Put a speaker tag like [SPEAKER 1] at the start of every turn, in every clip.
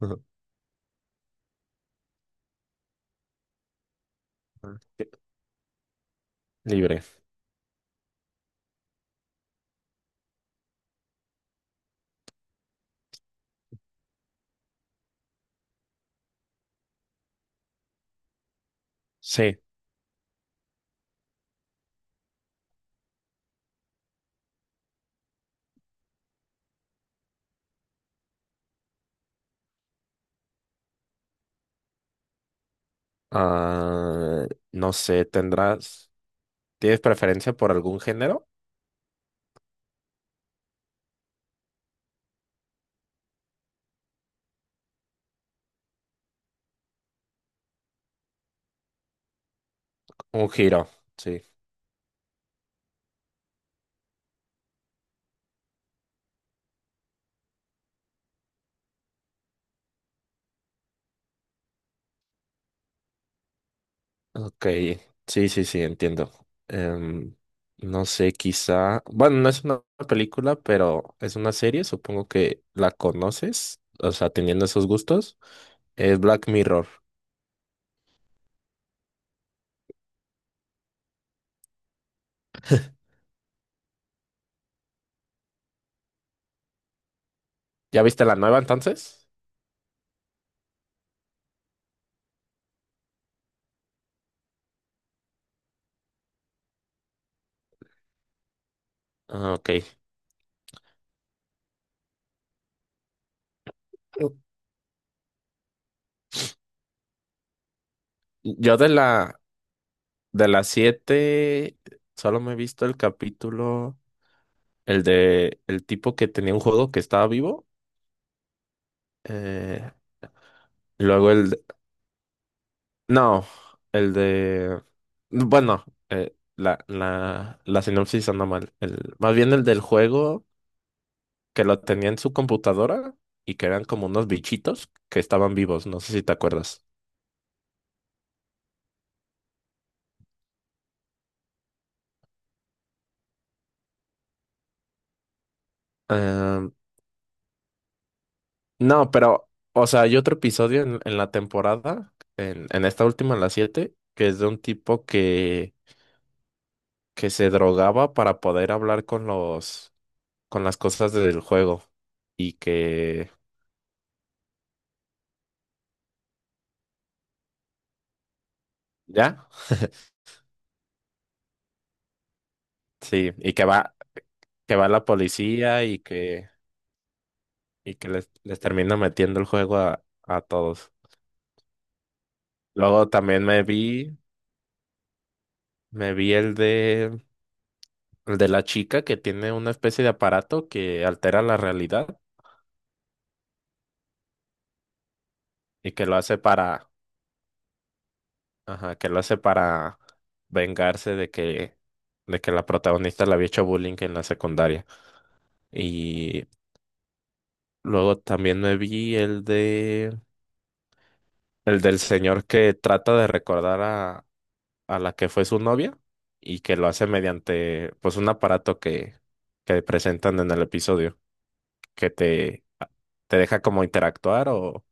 [SPEAKER 1] Ujú. Libre. Sí. Ah, no sé, ¿Tienes preferencia por algún género? Un giro, sí. Ok. Sí, entiendo. Em, no sé, quizá. Bueno, no es una película, pero es una serie. Supongo que la conoces, o sea, teniendo esos gustos. Es Black Mirror. ¿Ya viste la nueva entonces? Ah, ok. Yo de la de las siete solo me he visto el capítulo, el de el tipo que tenía un juego que estaba vivo. Eh, luego el de- no, el de bueno, la, la, la sinopsis anda mal. El, más bien el del juego que lo tenía en su computadora y que eran como unos bichitos que estaban vivos. ¿No sé si te acuerdas? Em, No, pero, o sea, hay otro episodio en la temporada, en esta última, en la 7, que es de un tipo que se drogaba para poder hablar con con las cosas del juego. Y que, ¿ya? Sí, que va la policía y que les termina metiendo el juego a todos. Luego también me vi el de la chica que tiene una especie de aparato que altera la realidad y que lo hace para... Ajá, que lo hace para vengarse de que la protagonista le había hecho bullying en la secundaria. Y luego también me vi el de, el del señor que trata de recordar a la que fue su novia y que lo hace mediante, pues, un aparato que presentan en el episodio, que te, te deja como interactuar o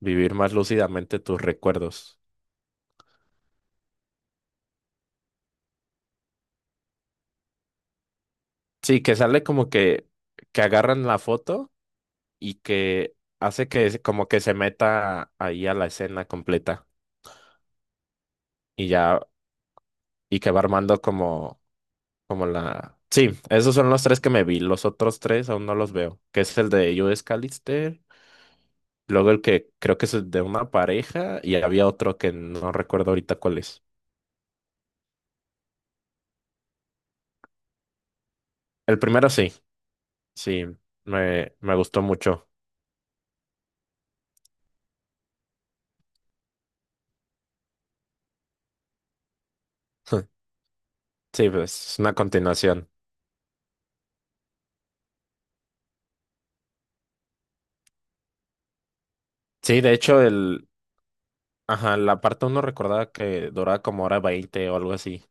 [SPEAKER 1] vivir más lúcidamente tus recuerdos. Sí, que agarran la foto y que hace que como que se meta ahí a la escena completa y ya, y que va armando como la... Sí, esos son los tres que me vi, los otros tres aún no los veo, que es el de Judas Callister, luego el que creo que es el de una pareja y había otro que no recuerdo ahorita cuál es. El primero sí, sí, me gustó mucho. Sí, pues es una continuación. Sí, de hecho, ajá, la parte uno recordaba que duraba como hora veinte o algo así.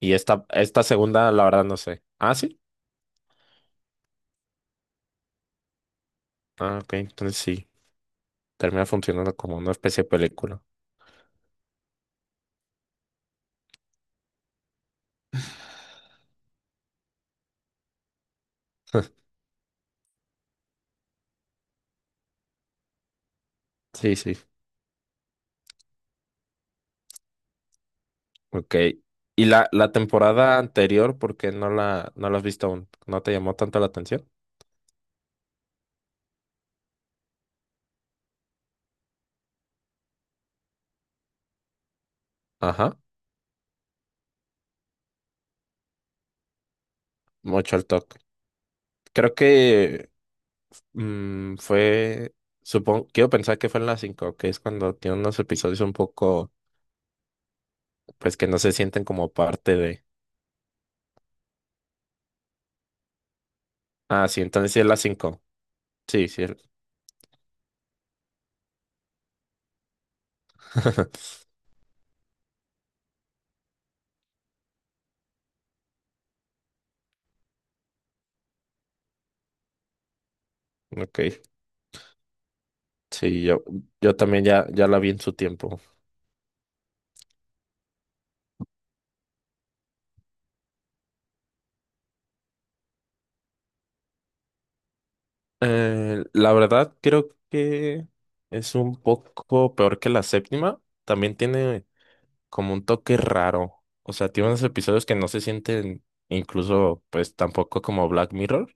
[SPEAKER 1] Y esta segunda, la verdad, no sé. Ah, sí. Ah, ok. Entonces sí. Termina funcionando como una especie de película. Sí, sí. Ok. ¿Y la temporada anterior, por qué no la has visto aún? ¿No te llamó tanto la atención? Ajá. Mucho al toque. Creo que fue... Supongo, quiero pensar que fue en la cinco, que es cuando tiene unos episodios un poco, pues que no se sienten como parte de. Ah, sí, entonces sí es la cinco. Sí, sí. Es- Ok. Sí, yo también ya la vi en su tiempo. La verdad, creo que es un poco peor que la séptima. También tiene como un toque raro. O sea, tiene unos episodios que no se sienten incluso, pues tampoco como Black Mirror.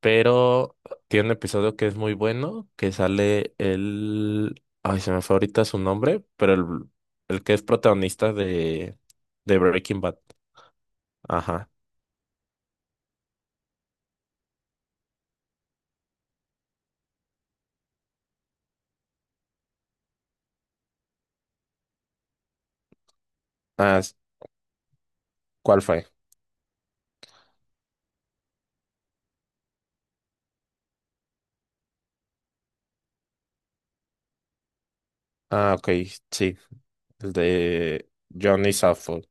[SPEAKER 1] Pero tiene un episodio que es muy bueno, que sale el... Ay, se me fue ahorita su nombre, pero el que es protagonista de Breaking Bad. Ajá. Ah, ¿cuál fue? Ah, ok, sí, el de Johnny Southpaw.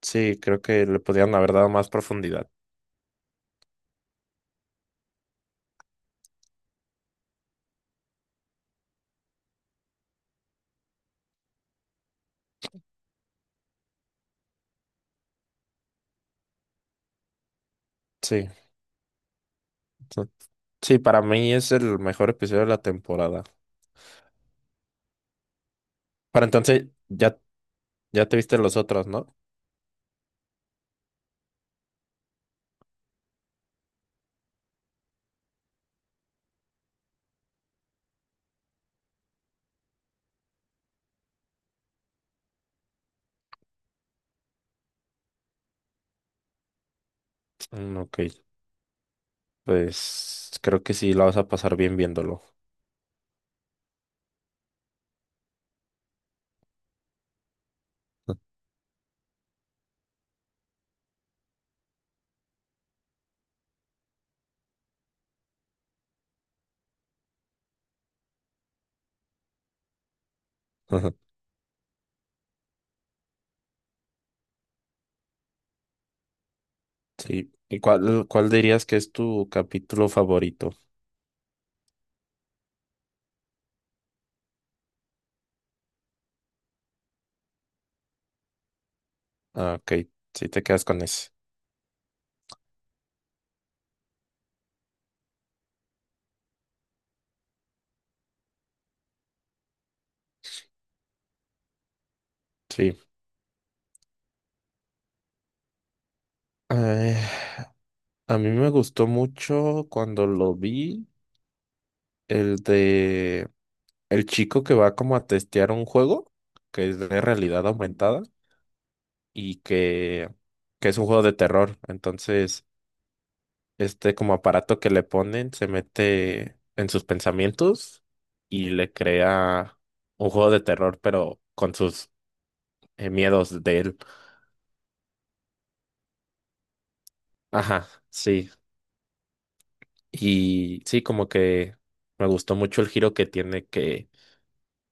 [SPEAKER 1] Sí, creo que le podían haber dado más profundidad. Sí, sí, sí, para mí es el mejor episodio de la temporada. Para entonces, ya, ya te viste los otros, ¿no? Mm, ok, pues creo que sí, la vas a pasar bien viéndolo. Sí, ¿y cuál dirías que es tu capítulo favorito? Ah, ok, sí, te quedas con ese. Sí. Eh, a mí me gustó mucho cuando lo vi. El de el chico que va como a testear un juego que es de realidad aumentada y que, que es un juego de terror. Entonces, este como aparato que le ponen se mete en sus pensamientos y le crea un juego de terror, pero con sus miedos de él. Ajá, sí. Y sí, como que me gustó mucho el giro que tiene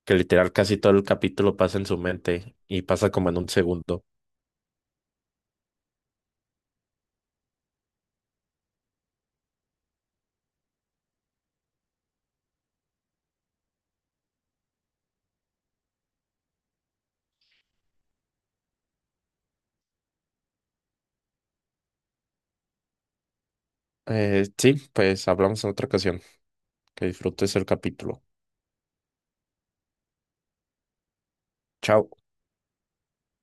[SPEAKER 1] que literal casi todo el capítulo pasa en su mente y pasa como en un segundo. Sí, pues hablamos en otra ocasión. Que disfrutes el capítulo. Chao.